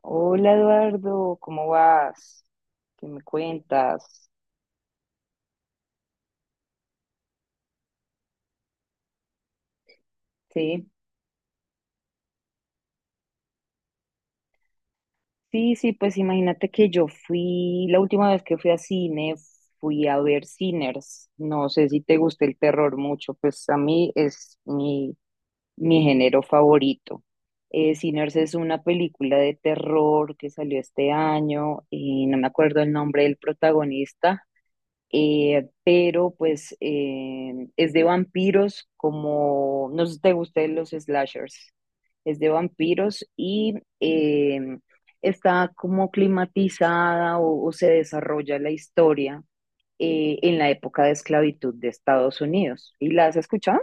Hola Eduardo, ¿cómo vas? ¿Qué me cuentas? Sí, sí, sí, pues imagínate que la última vez que fui a cine, fui a ver Sinners. No sé si te gusta el terror mucho, pues a mí es mi género favorito. Sinners es una película de terror que salió este año y no me acuerdo el nombre del protagonista, pero pues es de vampiros, como, no sé si te gustan los slashers, es de vampiros y eh, está como climatizada, o se desarrolla la historia en la época de esclavitud de Estados Unidos. ¿Y la has escuchado?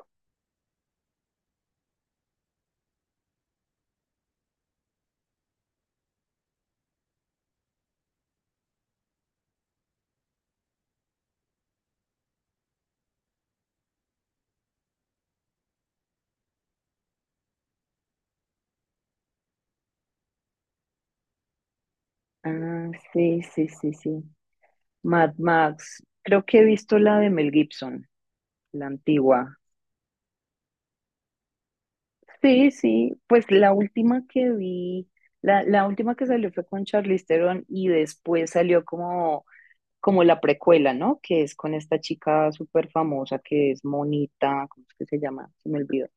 Ah, sí, sí, sí, sí. Mad Max. Creo que he visto la de Mel Gibson, la antigua. Sí, sí, pues la última que salió fue con Charlize Theron, y después salió como la precuela, ¿no? Que es con esta chica súper famosa que es Monita. ¿Cómo es que se llama? Se me olvidó.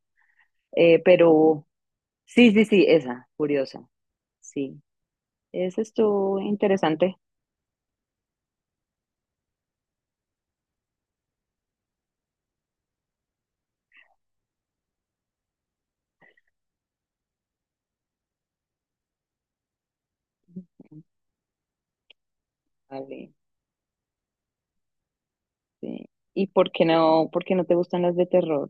Pero sí, sí, sí, esa, curiosa, sí. Esa estuvo interesante. Vale, sí. ¿Y por qué no te gustan las de terror?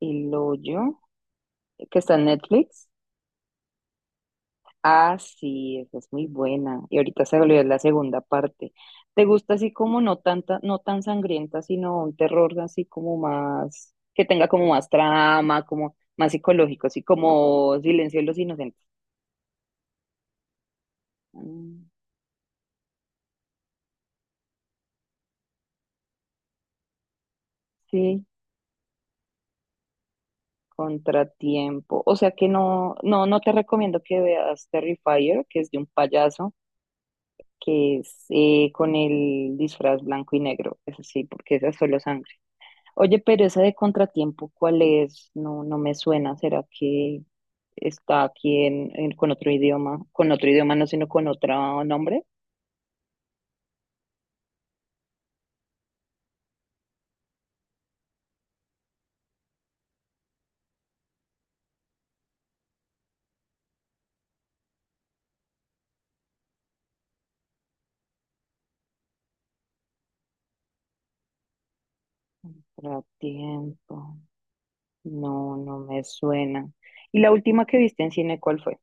¿Y lo yo? ¿Que está en Netflix? Ah, sí, esa es muy buena. Y ahorita se volvió la segunda parte. ¿Te gusta así como no tanta, no tan sangrienta, sino un terror así como más, que tenga como más trama, como más psicológico, así como Silencio de los Inocentes? Mm, sí, Contratiempo. O sea que no, no, no te recomiendo que veas Terrifier, que es de un payaso, que es con el disfraz blanco y negro. Eso sí, porque esa es solo sangre. Oye, pero esa de Contratiempo, ¿cuál es? No, no me suena. ¿Será que está aquí con otro idioma? Con otro idioma no, sino con otro nombre. Contratiempo. No, no me suena. ¿Y la última que viste en cine, cuál fue?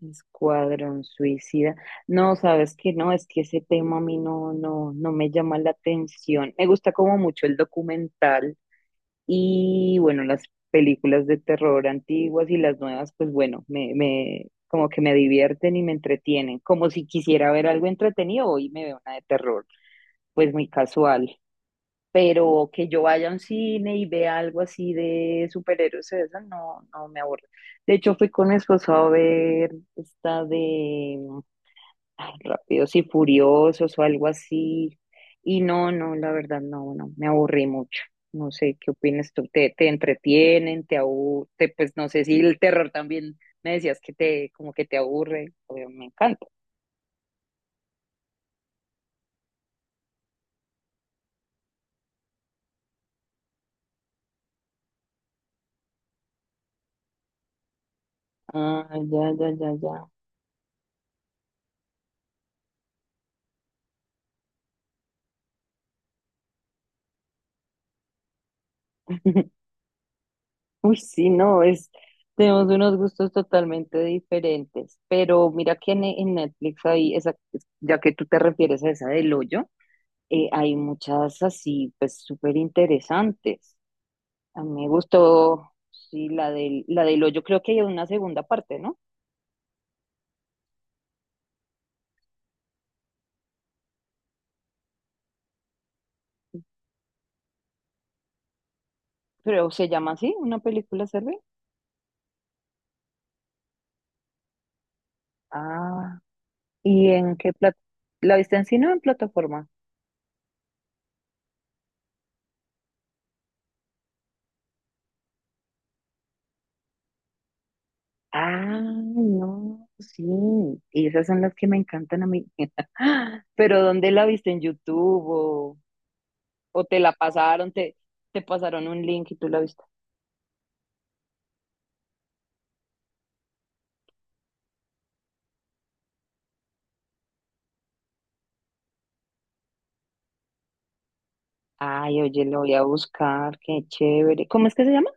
Escuadrón Suicida. No, sabes que no, es que ese tema a mí no, no me llama la atención. Me gusta como mucho el documental. Y bueno, las películas de terror antiguas y las nuevas, pues bueno, me como que me divierten y me entretienen, como si quisiera ver algo entretenido, hoy me veo una de terror, pues muy casual. Pero que yo vaya a un cine y vea algo así de superhéroes, eso no, no me aburre. De hecho, fui con mi esposo a ver esta de ay, Rápidos y Furiosos o algo así, y no, no, la verdad, no, no, me aburrí mucho. No sé, ¿qué opinas tú? ¿Te entretienen? ¿Te aburre? Pues no sé si el terror también me decías que como que te aburre. Obvio, me encanta. Ah, ya, ya, ya, ya. Uy, sí, no, es, tenemos unos gustos totalmente diferentes, pero mira que en Netflix hay esa, ya que tú te refieres a esa del hoyo, hay muchas así, pues súper interesantes. A mí me gustó, sí, la del hoyo. Creo que hay una segunda parte, ¿no? Pero se llama así, ¿una película sirve? Ah, ¿y en qué plata? ¿La viste en cine o en plataforma? Ah, no, sí. Y esas son las que me encantan a mí. Pero ¿dónde la viste? ¿En YouTube? O te la pasaron? Te pasaron un link y tú la viste. Ay, oye, lo voy a buscar. Qué chévere. ¿Cómo es que se llama?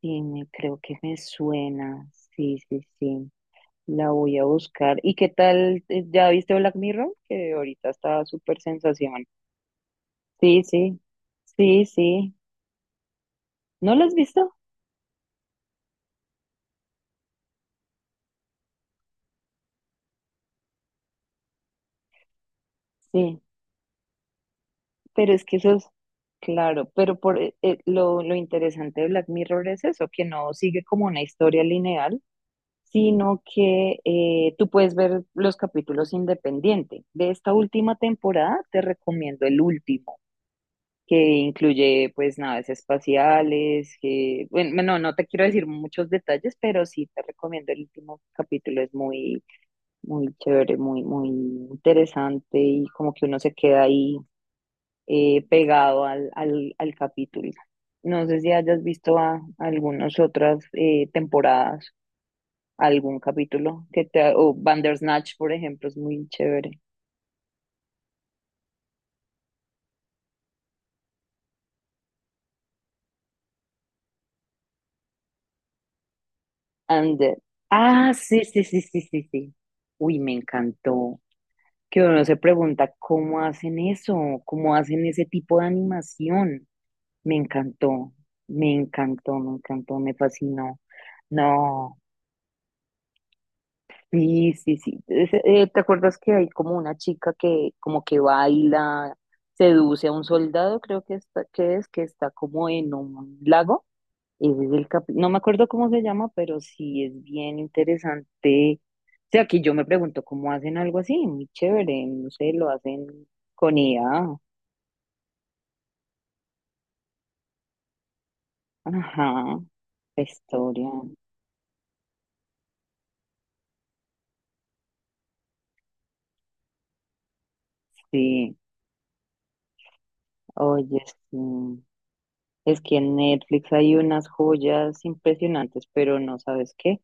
Sí, me, creo que me suena. Sí, sí, sí. La voy a buscar. ¿Y qué tal? ¿Ya viste Black Mirror? Que ahorita está súper sensación. Sí, sí. Sí, sí. ¿No la has visto? Sí. Pero es que eso es claro, pero por lo interesante de Black Mirror es eso, que no sigue como una historia lineal, sino que tú puedes ver los capítulos independiente. De esta última temporada te recomiendo el último, que incluye pues naves espaciales, que, bueno, no, no te quiero decir muchos detalles, pero sí te recomiendo el último capítulo, es muy, muy chévere, muy, muy interesante y como que uno se queda ahí pegado al capítulo. No sé si hayas visto a algunas otras temporadas, algún capítulo que te, o Bandersnatch, por ejemplo, es muy chévere. And the- ah, sí, sí, sí, sí, sí, sí. Uy, me encantó. Que uno se pregunta cómo hacen eso, cómo hacen ese tipo de animación. Me encantó, me encantó, me encantó, me fascinó. No. Sí, sí, sí. ¿Te acuerdas que hay como una chica que como que baila, seduce a un soldado, creo que está, que es, que está como en un lago? Ese es no me acuerdo cómo se llama, pero sí es bien interesante. O sea, que yo me pregunto cómo hacen algo así, muy chévere, no sé, lo hacen con IA. Ajá, la historia, sí. Oye, sí. Es que en Netflix hay unas joyas impresionantes, pero no sabes qué.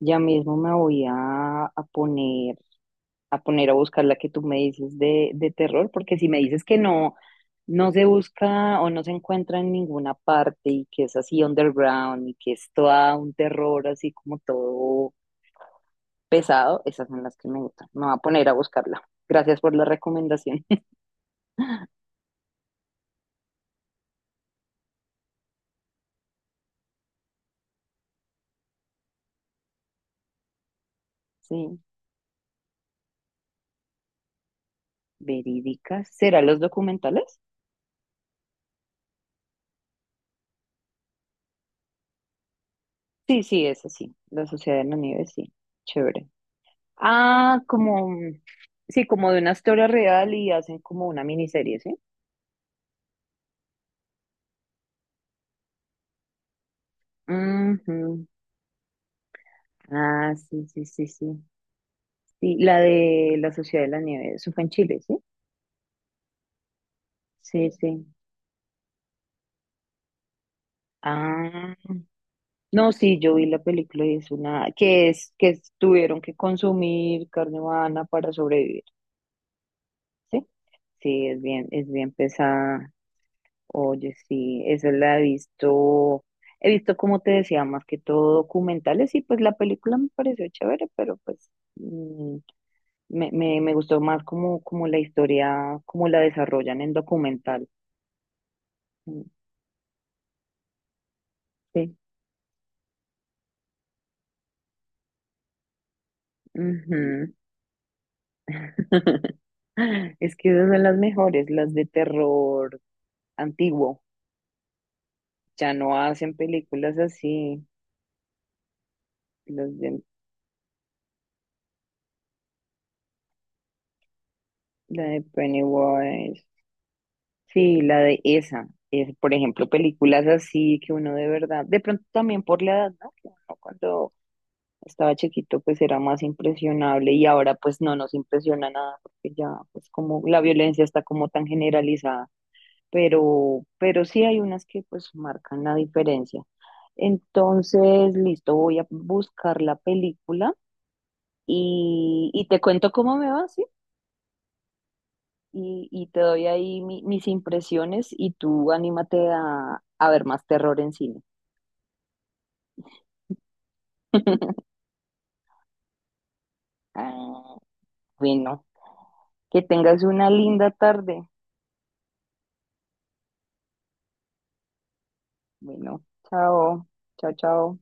Ya mismo a poner, a poner a buscar la que tú me dices de terror, porque si me dices que no, no se busca o no se encuentra en ninguna parte y que es así underground y que es toda un terror así como todo pesado, esas son las que me gustan. Me voy a poner a buscarla. Gracias por la recomendación. Sí, verídicas. ¿Será los documentales? Sí, sí, es así. La Sociedad de la Nieve, sí. Chévere. Ah, como, sí, como de una historia real, y hacen como una miniserie, ¿sí? Ujú. Ah, sí, sí, sí, sí. Sí, la de la Sociedad de la Nieve, eso fue en Chile, ¿sí? Sí, sí. Ah, no, sí, yo vi la película y es una, que es- tuvieron que consumir carne humana para sobrevivir, ¿sí? Sí, es bien pesada. Oye, sí, eso la he visto, he visto, como te decía, más que todo documentales, y pues la película me pareció chévere, pero pues mm, me gustó más como, como la historia, como la desarrollan en documental. Mm, sí. Ujú. Es que esas son las mejores, las de terror antiguo. Ya no hacen películas así, las de, la de Pennywise. Sí, la de esa. Es, por ejemplo, películas así que uno de verdad, de pronto también por la edad, ¿no? Que uno cuando estaba chiquito pues era más impresionable, y ahora pues no nos impresiona nada, porque ya pues como la violencia está como tan generalizada, pero sí hay unas que pues marcan la diferencia. Entonces, listo, voy a buscar la película y te cuento cómo me va, ¿sí? Y, y te doy ahí mis impresiones, y tú anímate a ver más terror en cine. Ah, bueno, que tengas una linda tarde. Bueno, chao, chao, chao.